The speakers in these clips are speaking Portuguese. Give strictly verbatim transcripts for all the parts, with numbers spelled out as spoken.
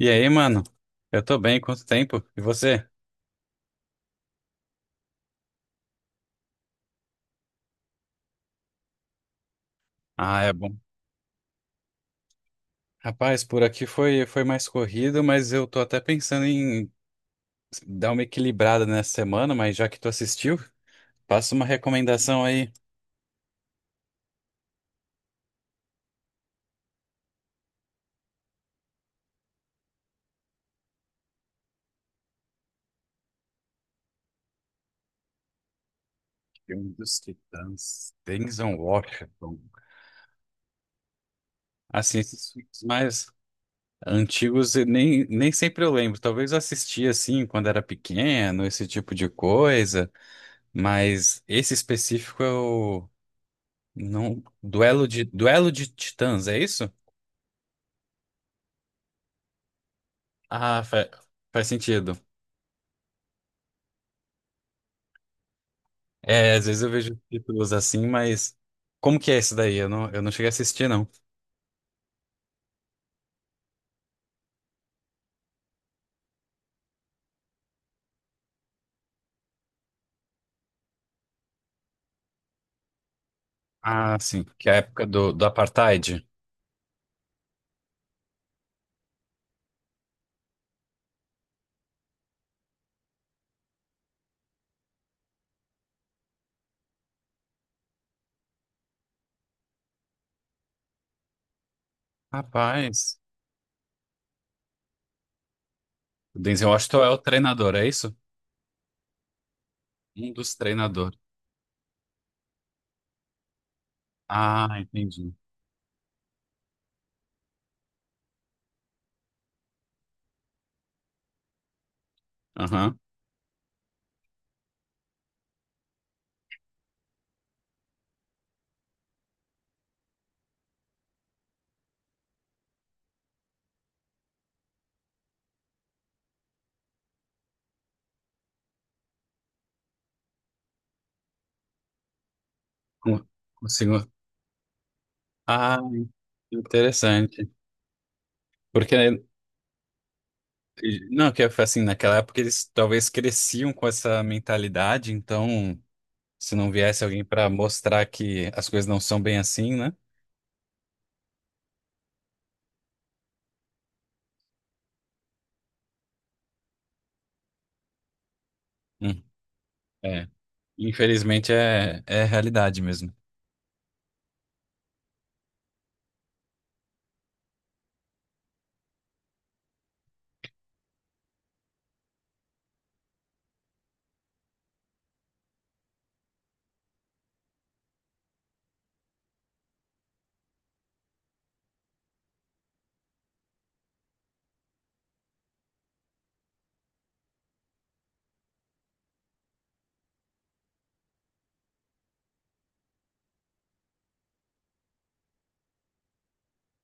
E aí, mano? Eu tô bem, quanto tempo? E você? Ah, é bom. Rapaz, por aqui foi, foi mais corrido, mas eu tô até pensando em dar uma equilibrada nessa semana, mas já que tu assistiu, passa uma recomendação aí. Filme dos Titãs, Denzel Washington. Assim, esses filmes mais antigos, eu nem, nem sempre eu lembro. Talvez eu assisti assim quando era pequeno, esse tipo de coisa, mas esse específico eu não. Duelo de, Duelo de Titãs, é isso? Ah, fa- Faz sentido. É, às vezes eu vejo títulos assim, mas como que é esse daí? Eu não, eu não cheguei a assistir, não. Ah, sim, que é a época do, do Apartheid. Rapaz, o Denzel Washington é o treinador, é isso? Um dos treinadores. Ah, entendi. Aham. Com- Consigo. Ah, interessante. Porque, né, não, que assim, naquela época eles talvez cresciam com essa mentalidade, então se não viesse alguém para mostrar que as coisas não são bem assim, né? Hum. É. Infelizmente é, é a realidade mesmo.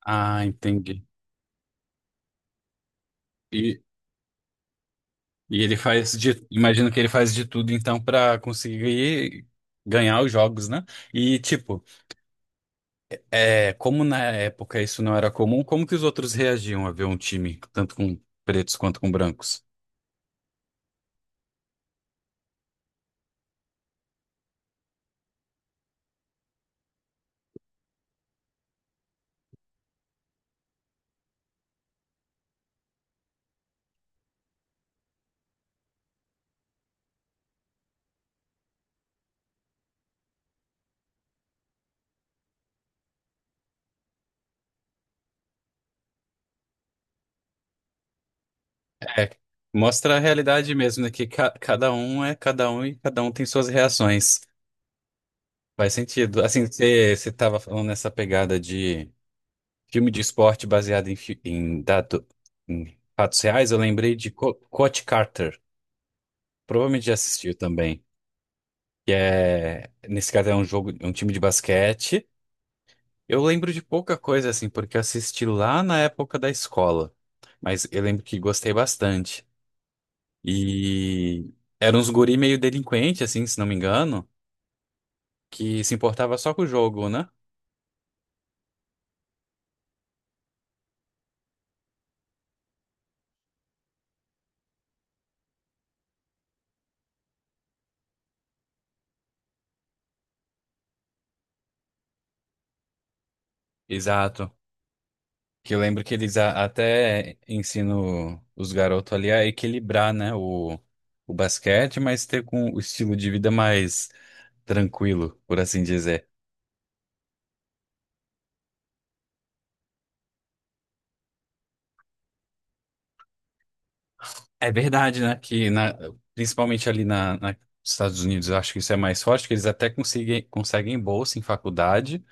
Ah, entendi. E, e ele faz de, imagino que ele faz de tudo então para conseguir ganhar os jogos, né? E tipo, é, como na época isso não era comum, como que os outros reagiam a ver um time tanto com pretos quanto com brancos? É, mostra a realidade mesmo, né? Que ca- cada um é cada um e cada um tem suas reações. Faz sentido. Assim, você estava falando nessa pegada de filme de esporte baseado em, fi- em, dado- em fatos reais, eu lembrei de Co- Coach Carter. Provavelmente já assistiu também. Que é, nesse caso é um jogo, é um time de basquete. Eu lembro de pouca coisa assim, porque eu assisti lá na época da escola. Mas eu lembro que gostei bastante. E eram uns guri meio delinquente, assim, se não me engano, que se importava só com o jogo, né? Exato. Que eu lembro que eles a- até ensinam os garotos ali a equilibrar, né, o, o basquete, mas ter com o estilo de vida mais tranquilo, por assim dizer. É verdade, né, que na- principalmente ali na, na- nos Estados Unidos, eu acho que isso é mais forte, que eles até conseguem, conseguem bolsa em faculdade,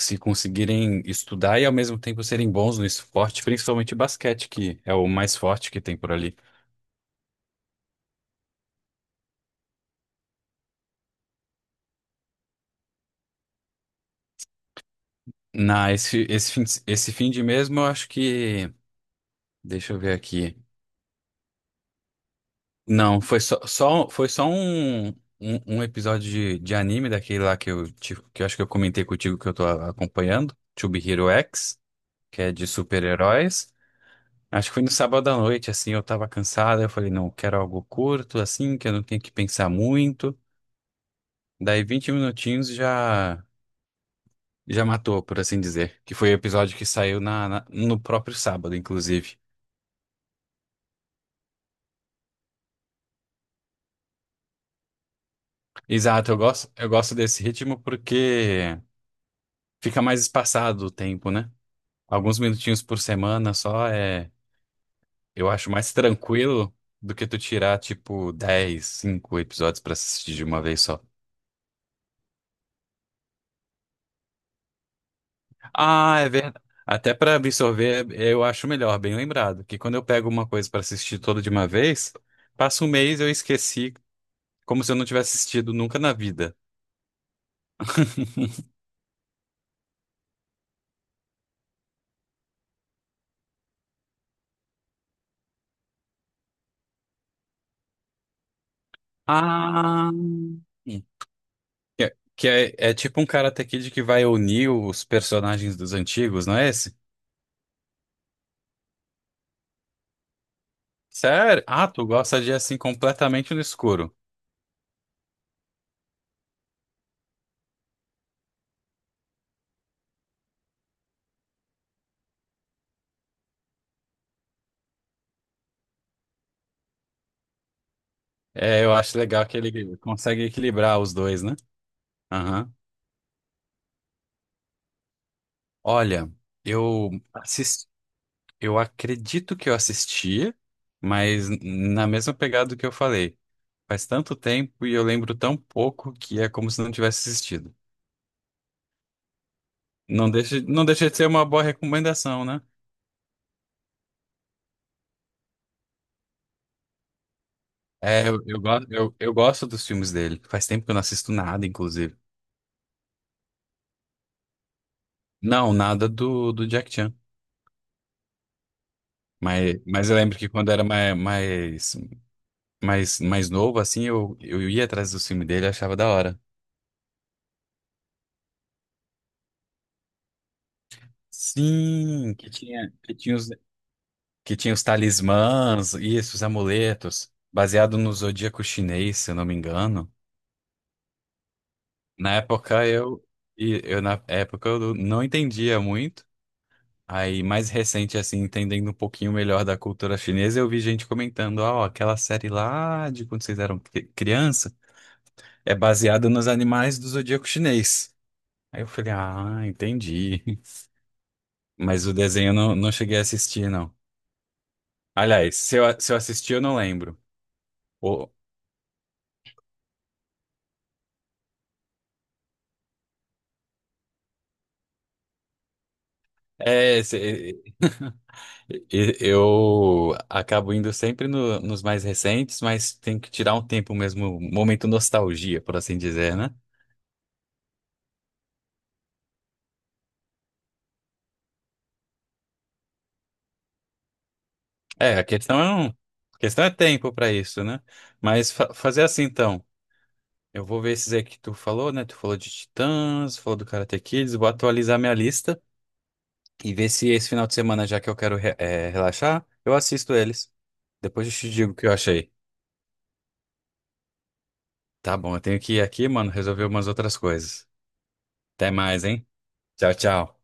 se conseguirem estudar e ao mesmo tempo serem bons no esporte, principalmente basquete, que é o mais forte que tem por ali. Na, esse, esse fim, de- esse fim de mesmo, eu acho que, deixa eu ver aqui. Não, foi só, só- foi só um, um, um episódio de, de anime daquele lá que eu, te- que eu acho que eu comentei contigo que eu tô a- acompanhando, To Be Hero X, que é de super-heróis. Acho que foi no sábado à noite, assim, eu tava cansado, eu falei, não, eu quero algo curto, assim, que eu não tenho que pensar muito. Daí vinte minutinhos já já matou, por assim dizer, que foi o episódio que saiu na, na- no próprio sábado, inclusive. Exato, eu gosto, eu gosto desse ritmo porque fica mais espaçado o tempo, né? Alguns minutinhos por semana só é, eu acho mais tranquilo do que tu tirar, tipo, dez cinco episódios pra assistir de uma vez só. Ah, é verdade. Até pra absorver, eu acho melhor, bem lembrado, que quando eu pego uma coisa pra assistir toda de uma vez, passa um mês eu esqueci, como se eu não tivesse assistido nunca na vida. Ah, que é, que é é tipo um Karate Kid que vai unir os personagens dos antigos, não é esse? Sério? Ah, tu gosta de assim completamente no escuro. É, eu acho legal que ele consegue equilibrar os dois, né? Aham. Olha, eu assisti, eu acredito que eu assistia, mas na mesma pegada que eu falei. Faz tanto tempo e eu lembro tão pouco que é como se não tivesse assistido. Não deixa, não deixa de ser uma boa recomendação, né? É, eu, eu, go- eu, eu gosto dos filmes dele. Faz tempo que eu não assisto nada, inclusive. Não, nada do, do Jack Chan. Mas, mas eu lembro que quando era mais, mais mais, mais novo, assim, eu, eu ia atrás do filme dele e achava da hora. Sim, que tinha, que tinha os, que tinha os talismãs, isso, os amuletos, baseado no zodíaco chinês, se eu não me engano. Na época eu, e eu na época eu não entendia muito. Aí, mais recente, assim, entendendo um pouquinho melhor da cultura chinesa, eu vi gente comentando, ah, ó, aquela série lá de quando vocês eram cri- criança é baseada nos animais do zodíaco chinês. Aí eu falei, ah, entendi. Mas o desenho eu não, não cheguei a assistir, não. Aliás, se eu, se eu assisti, eu não lembro. O- é, se- e- e- eu acabo indo sempre no- nos mais recentes, mas tem que tirar um tempo mesmo, um momento nostalgia, por assim dizer, né? É, a questão é, um, a questão é tempo pra isso, né? Mas fa- fazer assim, então. Eu vou ver esses aí que tu falou, né? Tu falou de Titãs, falou do Karate Kids, vou atualizar minha lista. E ver se esse final de semana, já que eu quero re- eh, relaxar, eu assisto eles. Depois eu te digo o que eu achei. Tá bom, eu tenho que ir aqui, mano, resolver umas outras coisas. Até mais, hein? Tchau, tchau.